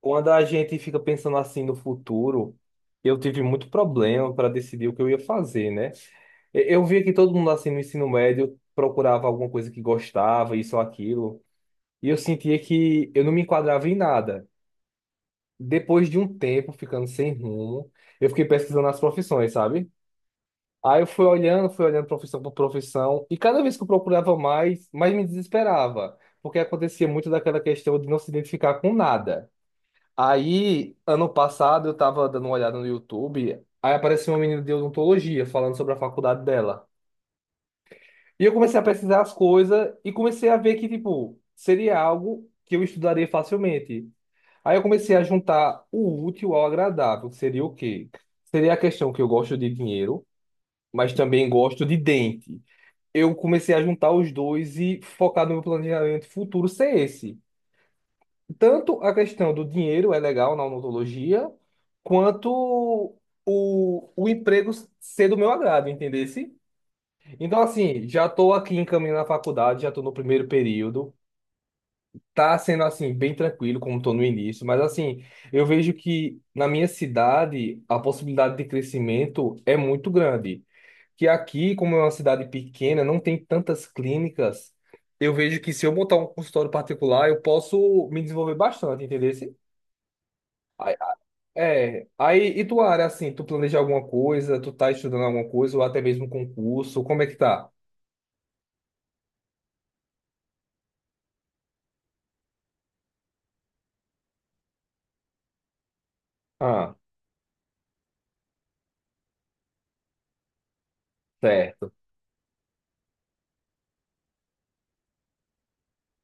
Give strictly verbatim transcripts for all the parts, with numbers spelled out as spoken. Quando a gente fica pensando assim no futuro, eu tive muito problema para decidir o que eu ia fazer, né? E- Eu via que todo mundo assim no ensino médio procurava alguma coisa que gostava, isso ou aquilo, e eu sentia que eu não me enquadrava em nada. Depois de um tempo ficando sem rumo, eu fiquei pesquisando as profissões, sabe? Aí eu fui olhando, fui olhando profissão por profissão, e cada vez que eu procurava mais, mais me desesperava, porque acontecia muito daquela questão de não se identificar com nada. Aí, ano passado, eu tava dando uma olhada no YouTube, aí apareceu uma menina de odontologia falando sobre a faculdade dela. E eu comecei a pesquisar as coisas e comecei a ver que, tipo, seria algo que eu estudaria facilmente. Aí eu comecei a juntar o útil ao agradável, que seria o quê? Seria a questão que eu gosto de dinheiro, mas também gosto de dente. Eu comecei a juntar os dois e focar no meu planejamento futuro ser esse. Tanto a questão do dinheiro é legal na odontologia, quanto o, o emprego ser do meu agrado, entendesse? Então, assim, já estou aqui encaminhando a faculdade, já estou no primeiro período. Tá sendo assim, bem tranquilo, como estou no início, mas assim, eu vejo que na minha cidade a possibilidade de crescimento é muito grande. Que aqui, como é uma cidade pequena, não tem tantas clínicas. Eu vejo que se eu montar um consultório particular, eu posso me desenvolver bastante, entendeu? É, aí, e tua área, assim, tu planeja alguma coisa, tu tá estudando alguma coisa, ou até mesmo concurso, como é que tá? Ah, certo.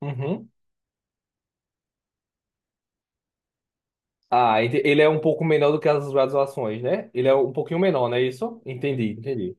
Uhum. Ah, ente- ele é um pouco menor do que as graduações, né? Ele é um pouquinho menor, não é isso? Entendi. Entendi.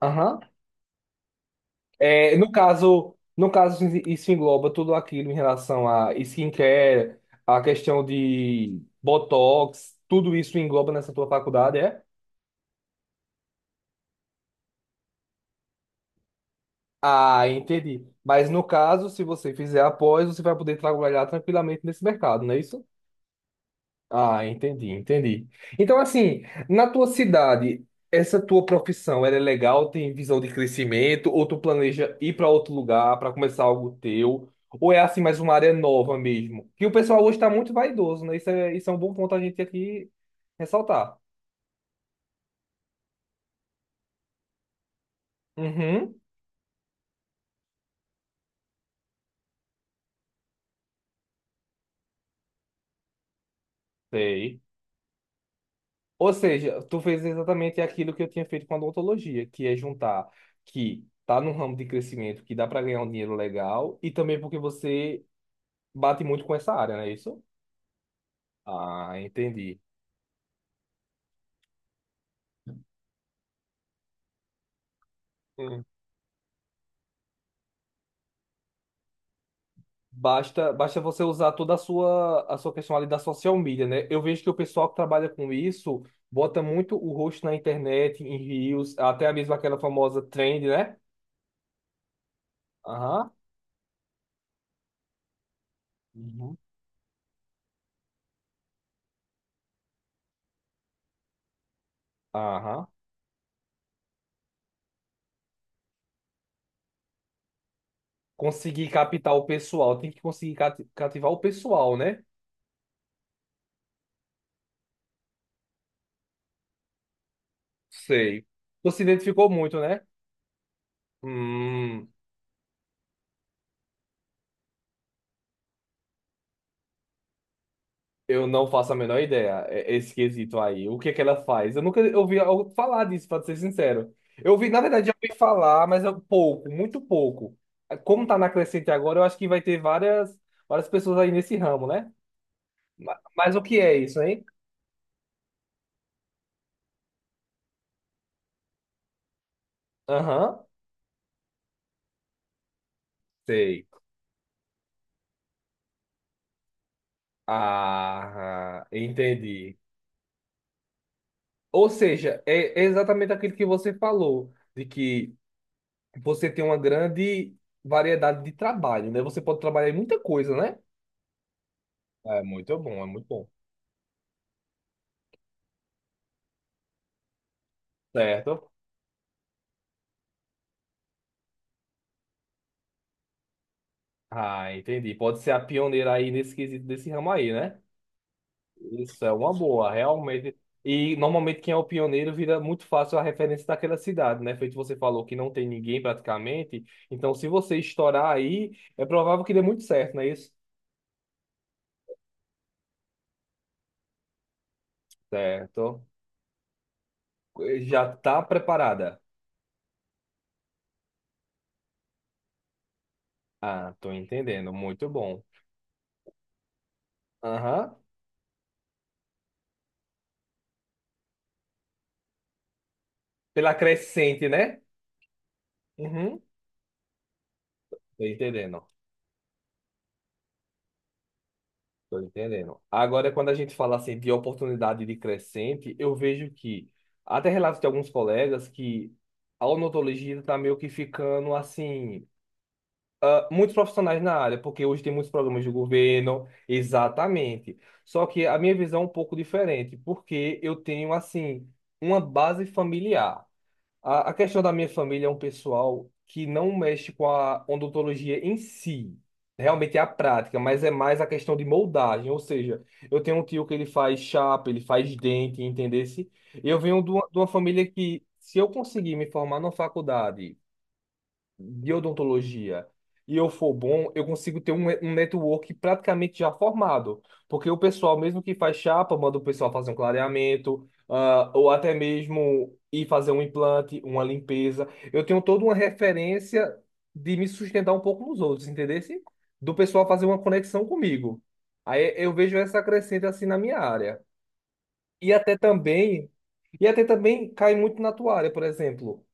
Aham. É, no caso, no caso, isso engloba tudo aquilo em relação a skincare, a questão de botox, tudo isso engloba nessa tua faculdade, é? Ah, entendi. Mas no caso, se você fizer após, você vai poder trabalhar tranquilamente nesse mercado, não é isso? Ah, entendi, entendi. Então, assim, na tua cidade, essa tua profissão, ela é legal? Tem visão de crescimento? Ou tu planeja ir para outro lugar para começar algo teu? Ou é assim mais uma área nova mesmo? Que o pessoal hoje está muito vaidoso, né? Isso é, isso é um bom ponto a gente aqui ressaltar. Uhum, sei. Ou seja, tu fez exatamente aquilo que eu tinha feito com a odontologia, que é juntar que tá num ramo de crescimento que dá para ganhar um dinheiro legal e também porque você bate muito com essa área, não é isso? Ah, entendi. Hum. Basta, basta você usar toda a sua, a sua questão ali da social media, né? Eu vejo que o pessoal que trabalha com isso bota muito o rosto na internet, em reels, até mesmo aquela famosa trend, né? Aham. Uhum. Aham. conseguir captar o pessoal, tem que conseguir cati- cativar o pessoal, né? Sei. Tu se identificou muito, né? Hum, eu não faço a menor ideia, é- esse quesito aí. O que é que ela faz? Eu nunca ouvi al- falar disso, pra ser sincero. Eu ouvi, na verdade, já ouvi falar, mas é pouco, muito pouco. É, como tá na crescente agora, eu acho que vai ter várias, várias pessoas aí nesse ramo, né? Ma- Mas, o que é isso, hein? Aham, sei. Ah, entendi. Ou seja, é é exatamente aquilo que você falou, de que você tem uma grande variedade de trabalho, né? Você pode trabalhar em muita coisa, né? É muito bom, é muito bom. Certo? Ah, entendi. Pode ser a pioneira aí nesse quesito desse ramo aí, né? Isso é uma boa, realmente. E normalmente quem é o pioneiro vira muito fácil a referência daquela cidade, né? Feito você falou que não tem ninguém praticamente. Então, se você estourar aí, é provável que dê muito certo, não é isso? Certo. Já tá preparada. Ah, tô entendendo. Muito bom. Aham. Pela crescente, né? Uhum. Tô entendendo. Tô entendendo. Agora, quando a gente fala assim de oportunidade de crescente, eu vejo que até relatos de alguns colegas que a odontologia está meio que ficando assim. Ah, muitos profissionais na área, porque hoje tem muitos programas do governo, exatamente. Só que a minha visão é um pouco diferente, porque eu tenho, assim, uma base familiar. A, a questão da minha família é um pessoal que não mexe com a odontologia em si. Realmente é a prática, mas é mais a questão de moldagem. Ou seja, eu tenho um tio que ele faz chapa, ele faz dente, entendesse? Eu venho de uma, de uma família que, se eu conseguir me formar na faculdade de odontologia e eu for bom, eu consigo ter um, um network praticamente já formado. Porque o pessoal, mesmo que faz chapa, manda o pessoal fazer um clareamento, ah, ou até mesmo ir fazer um implante, uma limpeza. Eu tenho toda uma referência de me sustentar um pouco nos outros, entendesse? Do pessoal fazer uma conexão comigo. Aí eu vejo essa crescente assim na minha área. E até também, e até também cai muito na tua área, por exemplo.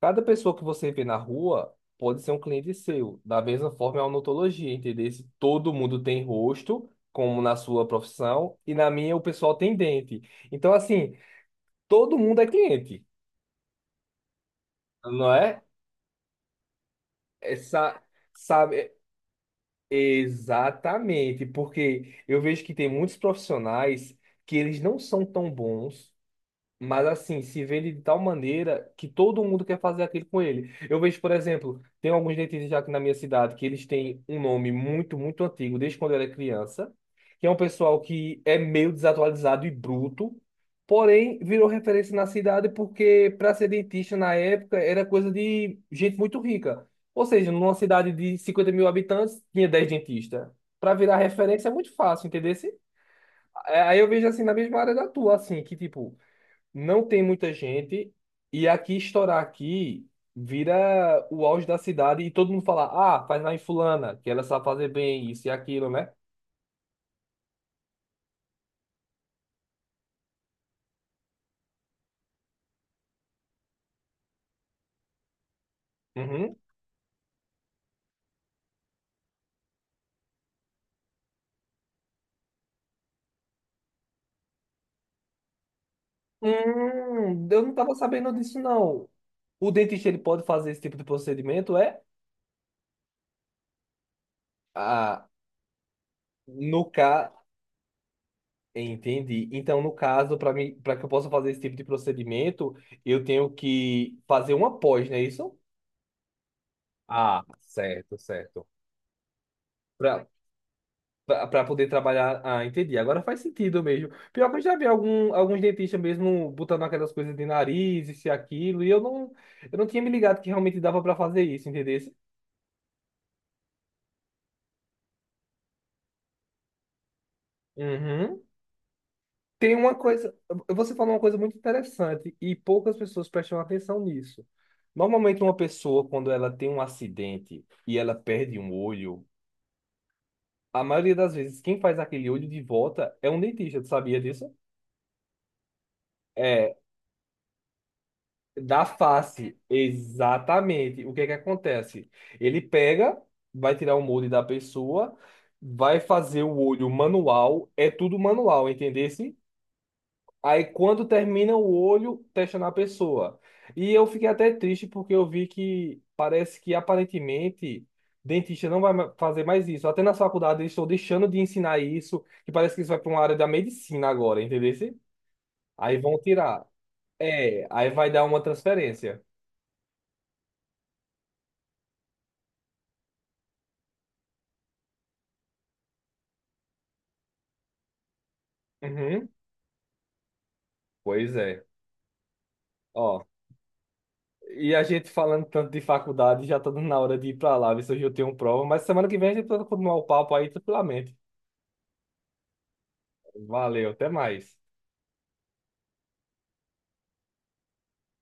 Cada pessoa que você vê na rua pode ser um cliente seu. Da mesma forma, é uma odontologia, entendeu? Se todo mundo tem rosto, como na sua profissão, e na minha o pessoal tem dente. Então, assim, todo mundo é cliente, não é? Essa, sabe, é, exatamente, porque eu vejo que tem muitos profissionais que eles não são tão bons. Mas assim, se vê ele de tal maneira que todo mundo quer fazer aquilo com ele. Eu vejo, por exemplo, tem alguns dentistas já aqui na minha cidade que eles têm um nome muito, muito antigo, desde quando eu era criança, que é um pessoal que é meio desatualizado e bruto, porém virou referência na cidade porque para ser dentista na época era coisa de gente muito rica. Ou seja, numa cidade de cinquenta mil habitantes, tinha dez dentistas. Para virar referência é muito fácil, entendeu? Se- Aí eu vejo assim na mesma área da tua, assim, que tipo não tem muita gente e aqui estourar aqui vira o auge da cidade e todo mundo fala, ah, faz lá em fulana, que ela sabe fazer bem isso e aquilo, né? Uhum. Hum, eu não tava sabendo disso, não. O dentista, ele pode fazer esse tipo de procedimento, é? Ah, no caso... Entendi. Então, no caso, para mim, para que eu possa fazer esse tipo de procedimento, eu tenho que fazer uma pós, não é isso? Ah, certo, certo. Pra- pra pra poder trabalhar. Ah, entendi. Agora faz sentido mesmo. Pior que eu já vi algum, alguns dentistas mesmo botando aquelas coisas de nariz, isso e aquilo, e eu não, eu não tinha me ligado que realmente dava pra fazer isso, entendeu? Uhum. Tem uma coisa, você falou uma coisa muito interessante e poucas pessoas prestam atenção nisso. Normalmente uma pessoa, quando ela tem um acidente e ela perde um olho, a maioria das vezes quem faz aquele olho de volta é um dentista, tu sabia disso? É, da face, exatamente. O que é que acontece? Ele pega, vai tirar o molde da pessoa, vai fazer o olho manual, é tudo manual, entendesse? Aí quando termina o olho, testa na pessoa. E eu fiquei até triste porque eu vi que parece que aparentemente dentista não vai ma- fazer mais isso. Até na faculdade eles estão deixando de ensinar isso, que parece que isso vai para uma área da medicina agora, entendesse? Aí vão tirar. É, aí vai dar uma transferência. Uhum. Pois é. Ó, e a gente falando tanto de faculdade, já tá dando na hora de ir pra lá, ver se hoje eu tenho prova, mas semana que vem a gente pode continuar o papo aí tranquilamente. Valeu, até mais.